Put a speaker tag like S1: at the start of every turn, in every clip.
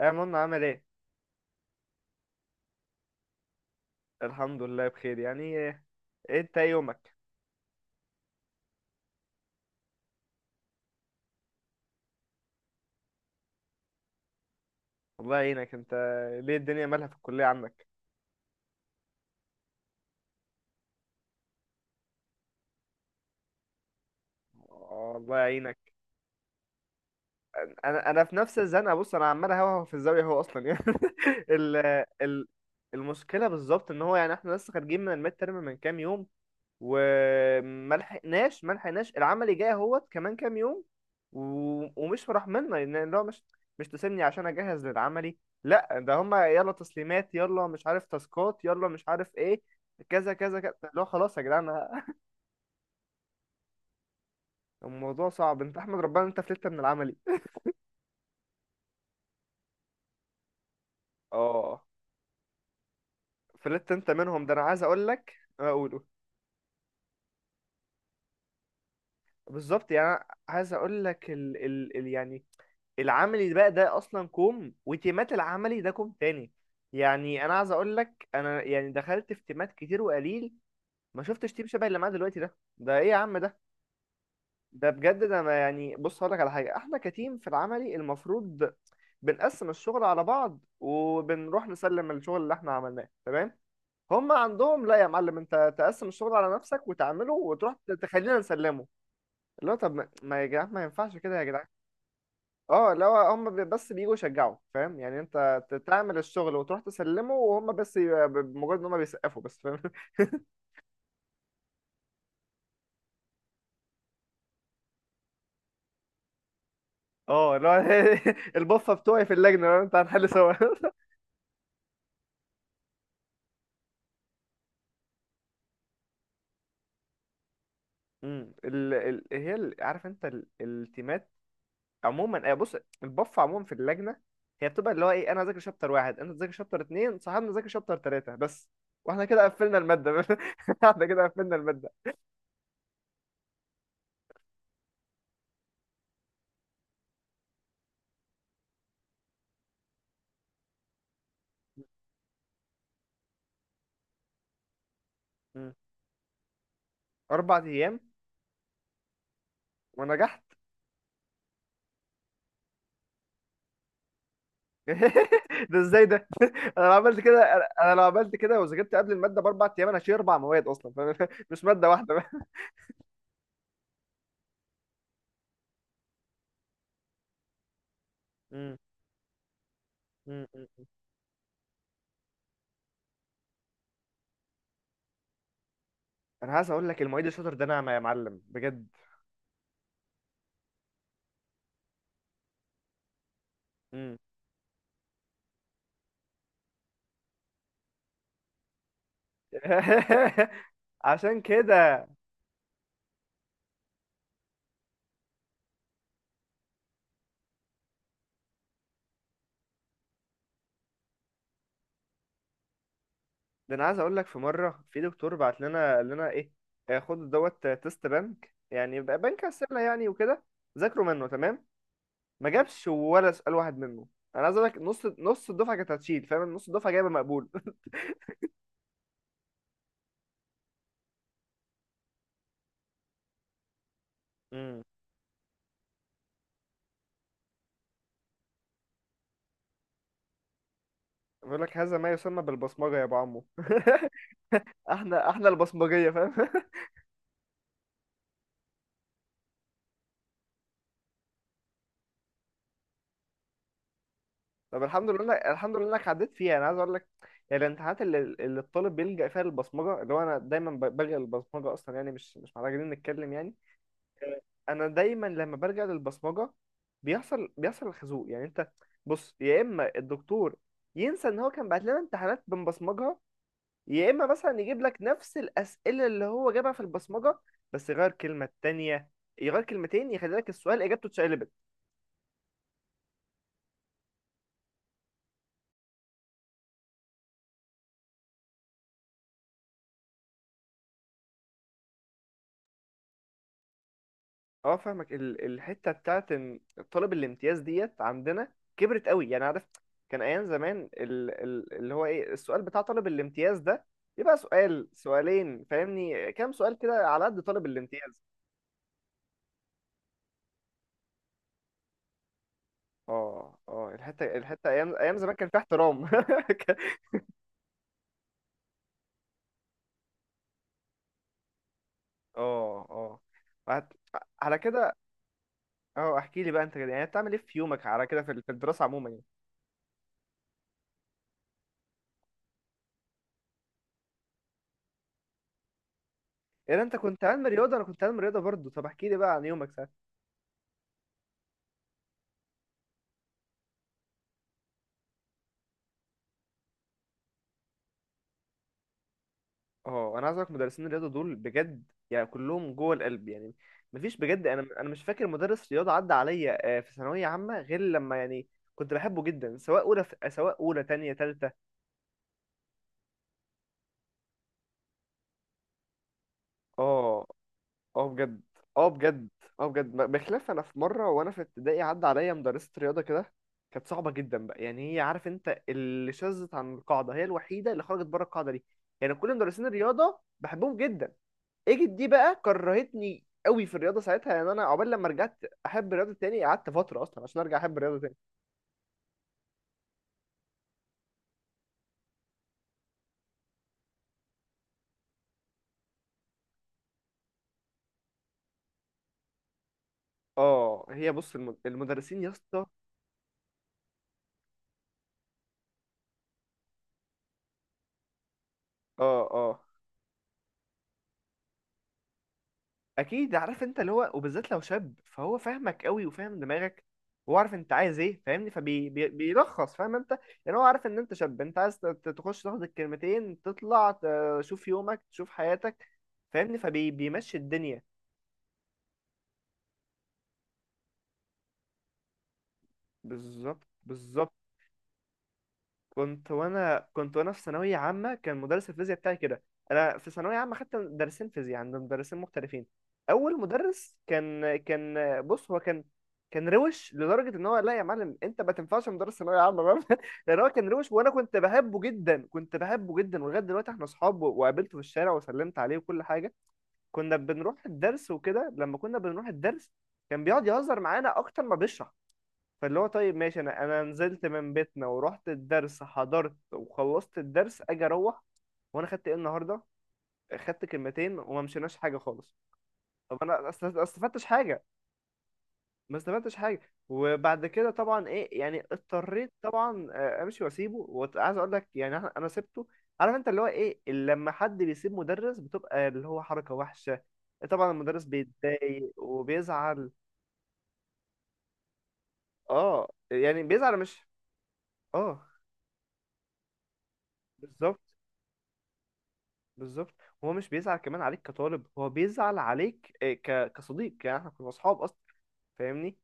S1: يا منى عامل ايه؟ الحمد لله بخير. يعني ايه إيه انت؟ ايه يومك؟ الله يعينك انت. ليه الدنيا مالها في الكليه عنك؟ آه، الله يعينك. انا في نفس الزنقه. بص انا عمال اهوهو في الزاويه، هو اصلا يعني ال ال المشكله بالظبط ان هو، يعني احنا لسه خارجين من الميد ترم من كام يوم، وما لحقناش ما لحقناش العمل جاي اهوت كمان كام يوم و... ومش مرحمنا، لان هو مش تسيبني عشان اجهز للعملي. لا ده هما يلا تسليمات، يلا مش عارف تاسكات، يلا مش عارف ايه، كذا كذا كذا. لا خلاص يا جدعان. الموضوع صعب، انت احمد ربنا إن انت فلتت من العملي. اه فلتت انت منهم، ده انا عايز اقول لك. اقوله بالظبط. يعني أنا عايز اقول لك يعني العملي بقى ده اصلا كوم، وتيمات العملي ده كوم تاني. يعني انا عايز اقول لك، انا يعني دخلت في تيمات كتير، وقليل ما شفتش تيم شبه اللي معاه دلوقتي ده. ده ايه يا عم ده؟ ده بجد ده، ما يعني بص هقول لك على حاجه، احنا كتيم في العملي المفروض بنقسم الشغل على بعض، وبنروح نسلم الشغل اللي احنا عملناه، تمام؟ هم عندهم لا يا معلم، انت تقسم الشغل على نفسك وتعمله وتروح تخلينا نسلمه. اللي هو طب ما ما يا جدعان، ما ينفعش كده يا جدعان. اه لو هم بس بييجوا يشجعوا، فاهم يعني. انت تعمل الشغل وتروح تسلمه، وهم بس بمجرد ان هم بيسقفوا بس، فاهم؟ اه اللي هو البفه بتوعي في اللجنه، فاهم؟ انت هنحل سوا. هي عارف انت، التيمات عموما، آه، بص. البفه عموما في اللجنه هي بتبقى اللي هو ايه، انا ذاكر شابتر واحد، انت ذاكر شابتر اتنين، صاحبنا ذاكر شابتر تلاته، بس. واحنا كده قفلنا الماده. احنا كده قفلنا الماده. مم. اربع ايام؟ ونجحت؟ ده ازاي ده؟ انا لو عملت كده، أنا لو عملت كده وذاكرت قبل الماده باربع ايام، انا هشيل اربع مواد اصلا فاهم، مش ماده واحده. مم. مم. مم. انا عايز اقول لك، المعيد الشاطر ده نعمه يا معلم بجد. مم. عشان كده. ده انا عايز اقول لك، في مره في دكتور بعت لنا قال لنا ايه، آه، خد دوت آه، تيست بنك، يعني بنك اسئله يعني، وكده. ذاكروا منه تمام. ما جابش ولا سؤال واحد منه. انا عايز اقول لك نص الدفعه كانت هتشيل فاهم. نص الدفعه جايبه مقبول. مم. بيقول لك هذا ما يسمى بالبصمجه يا ابو عمو. احنا البصمجيه فاهم. طب الحمد لله انك عديت فيها، انا عايز اقول لك. يعني الامتحانات اللي الطالب بيلجأ فيها للبصمجه، اللي هو انا دايما بلجأ للبصمجه اصلا يعني، مش محتاجين نتكلم يعني. انا دايما لما بلجأ للبصمجه بيحصل الخازوق، يعني انت بص يا اما الدكتور ينسى ان هو كان بعت لنا امتحانات بنبصمجها، يا اما مثلا يجيب لك نفس الاسئله اللي هو جابها في البصمجه، بس يغير كلمه تانية، يغير كلمتين، يخلي لك السؤال اجابته اتشقلبت. اه فاهمك، الحته بتاعت ان طلب الامتياز ديت عندنا كبرت قوي، يعني عارف. كان ايام زمان اللي هو ايه، السؤال بتاع طالب الامتياز ده يبقى سؤال سؤالين فاهمني، كام سؤال كده على قد طالب الامتياز. اه اه، الحته الحته ايام زمان كان فيها احترام. اه اه وهت- على كده. اه احكي لي بقى انت كده، يعني بتعمل ايه في يومك، على كده في في الدراسه عموما يعني. يعني انت كنت علم رياضه، انا كنت علم رياضه برضه. طب احكي لي بقى عن يومك. اه انا عايز اقولك، مدرسين الرياضه دول بجد يعني كلهم جوه القلب يعني. مفيش بجد، انا مش فاكر مدرس رياضه عدى عليا آه، في ثانويه عامه غير لما يعني كنت بحبه جدا، سواء اولى، سواء اولى، تانية، تالتة. اه اه بجد، اه بجد، اه بجد. بخلاف انا في مره وانا في ابتدائي عدى عليا مدرسه رياضه كده، كانت صعبه جدا بقى يعني. هي عارف انت اللي شذت عن القاعده، هي الوحيده اللي خرجت بره القاعده دي. يعني كل مدرسين الرياضه بحبهم جدا، اجت دي بقى كرهتني قوي في الرياضه ساعتها. يعني انا عقبال لما رجعت احب الرياضه تاني، قعدت فتره اصلا عشان ارجع احب الرياضه تاني. اه هي بص المدرسين يا اسطى. اه اه اكيد، عارف انت اللي هو، وبالذات لو شاب فهو فاهمك قوي وفاهم دماغك وعارف انت عايز ايه، فاهمني، فبيلخص فاهم انت. يعني هو عارف ان انت شاب، انت عايز تخش تاخد الكلمتين تطلع تشوف يومك تشوف حياتك، فاهمني، فبيمشي الدنيا. بالظبط بالظبط. كنت وانا في ثانويه عامه كان مدرس الفيزياء بتاعي كده. انا في ثانويه عامه خدت مدرسين فيزياء عند مدرسين مختلفين. اول مدرس كان بص هو كان روش لدرجه ان هو، لا يا معلم انت ما تنفعش مدرس ثانويه عامه، فاهم. لان هو كان روش، وانا كنت بحبه جدا، كنت بحبه جدا، ولغايه دلوقتي احنا اصحاب، وقابلته في الشارع وسلمت عليه وكل حاجه. كنا بنروح الدرس وكده، لما كنا بنروح الدرس كان بيقعد يهزر معانا اكتر ما بيشرح. فاللي هو طيب ماشي، انا نزلت من بيتنا ورحت الدرس، حضرت وخلصت الدرس، اجي اروح، وانا خدت ايه النهارده؟ خدت كلمتين وما مشيناش حاجه خالص. طب انا ما استفدتش حاجه، ما استفدتش حاجه. وبعد كده طبعا ايه يعني، اضطريت طبعا آه، امشي واسيبه. وعايز اقول لك يعني، انا سبته. عارف انت اللي هو ايه، لما حد بيسيب مدرس بتبقى اللي هو حركه وحشه، طبعا المدرس بيتضايق وبيزعل. اه يعني بيزعل، مش اه. بالظبط بالظبط. هو مش بيزعل كمان عليك كطالب، هو بيزعل عليك آه، ك... كصديق يعني، احنا كنا اصحاب اصلا فاهمني.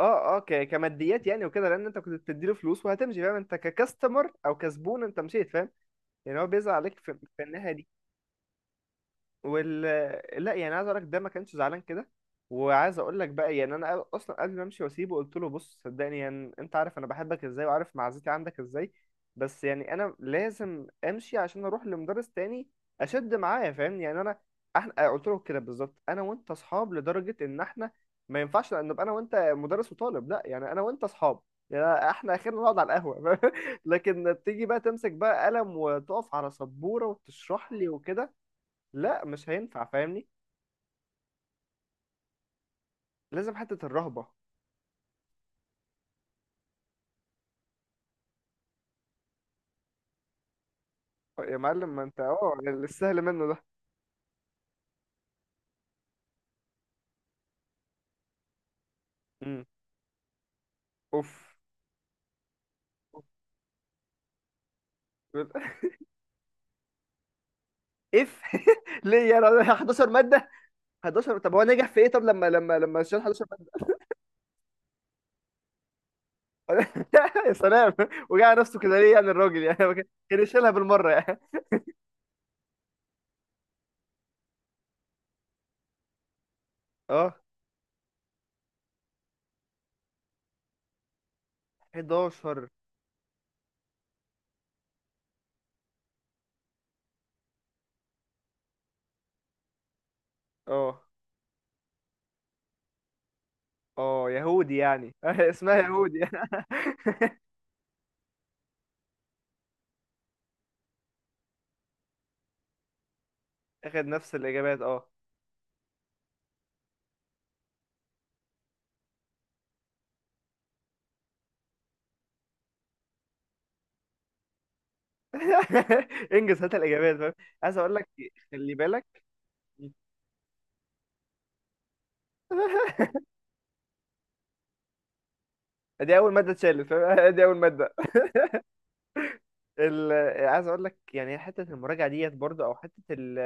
S1: اه اه ك... كماديات يعني وكده، لان انت كنت بتديله فلوس وهتمشي فاهم، انت ككاستمر او كزبون انت مشيت فاهم. يعني هو بيزعل عليك في الناحيه دي. وال لا، يعني عايز اقول لك، ده ما كانش زعلان كده. وعايز اقول لك بقى يعني انا اصلا قبل ما امشي واسيبه قلت له بص، صدقني يعني، انت عارف انا بحبك ازاي، وعارف معزتي عندك ازاي، بس يعني انا لازم امشي عشان اروح لمدرس تاني اشد معاه فاهمني. يعني انا احنا قلت له كده بالظبط، انا وانت اصحاب لدرجه ان احنا ما ينفعش ان نبقى انا وانت مدرس وطالب، لا يعني انا وانت اصحاب، يعني احنا اخرنا نقعد على القهوه، لكن تيجي بقى تمسك بقى قلم وتقف على سبوره وتشرح لي وكده، لا مش هينفع فاهمني. لازم حتة الرهبة. أه، يا معلم ما انت اه السهل منه ده. امم اوف. أوف. اف. ليه يعني؟ 11 مادة؟ 11 طب هو نجح في ايه؟ طب لما لما شال 11 مادة. يا سلام. وجع نفسه كده ليه يعني؟ الراجل يعني ما كان كان يشيلها بالمرة يعني. اه 11. اه اه يهودي يعني، اسمها يهودي. اخد نفس الاجابات، اه. انجز هات الاجابات فاهم. عايز اقول لك، خلي بالك. دي اول ماده اتشالت فاهم. دي اول ماده. ال... عايز اقول لك يعني، حته المراجعه ديت برضه، او حته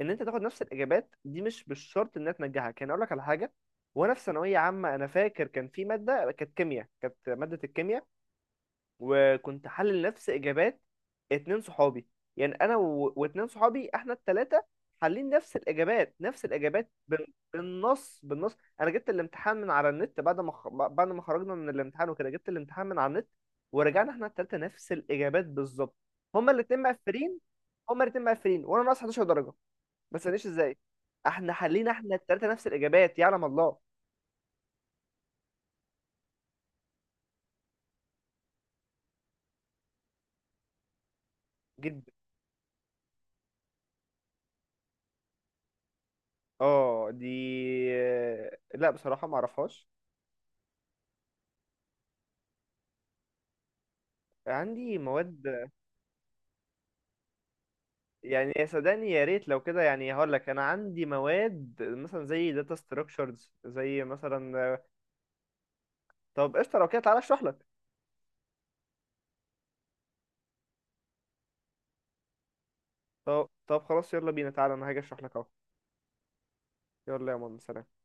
S1: ان انت تاخد نفس الاجابات دي مش بالشرط انها تنجحك. يعني اقول لك على حاجه، وانا في ثانويه عامه انا فاكر كان في ماده كانت كيمياء، كانت ماده الكيمياء، وكنت حلل نفس اجابات اتنين صحابي، يعني انا واتنين صحابي، احنا التلاتة حالين نفس الاجابات، نفس الاجابات بالنص، بالنص. انا جبت الامتحان من على النت، بعد ما بعد ما خرجنا من الامتحان وكده، جبت الامتحان من على النت، ورجعنا احنا التلاتة نفس الاجابات بالظبط. هما الاتنين مقفلين، هما الاتنين مقفلين، وانا ناقص 11 درجة، ما تسألنيش ازاي. احنا حلينا احنا التلاتة نفس الاجابات يعلم الله. جدا. اه دي، لا بصراحة ما اعرفهاش. عندي مواد، يعني يا، صدقني يا ريت لو كده يعني. هقول لك انا عندي مواد مثلا زي داتا ستراكشرز، زي مثلا. طب قشطه لو كده، تعالى اشرح لك. طب خلاص يلا بينا، تعالى انا هاجي اشرح لك اهو. يلا يا ماما، سلام.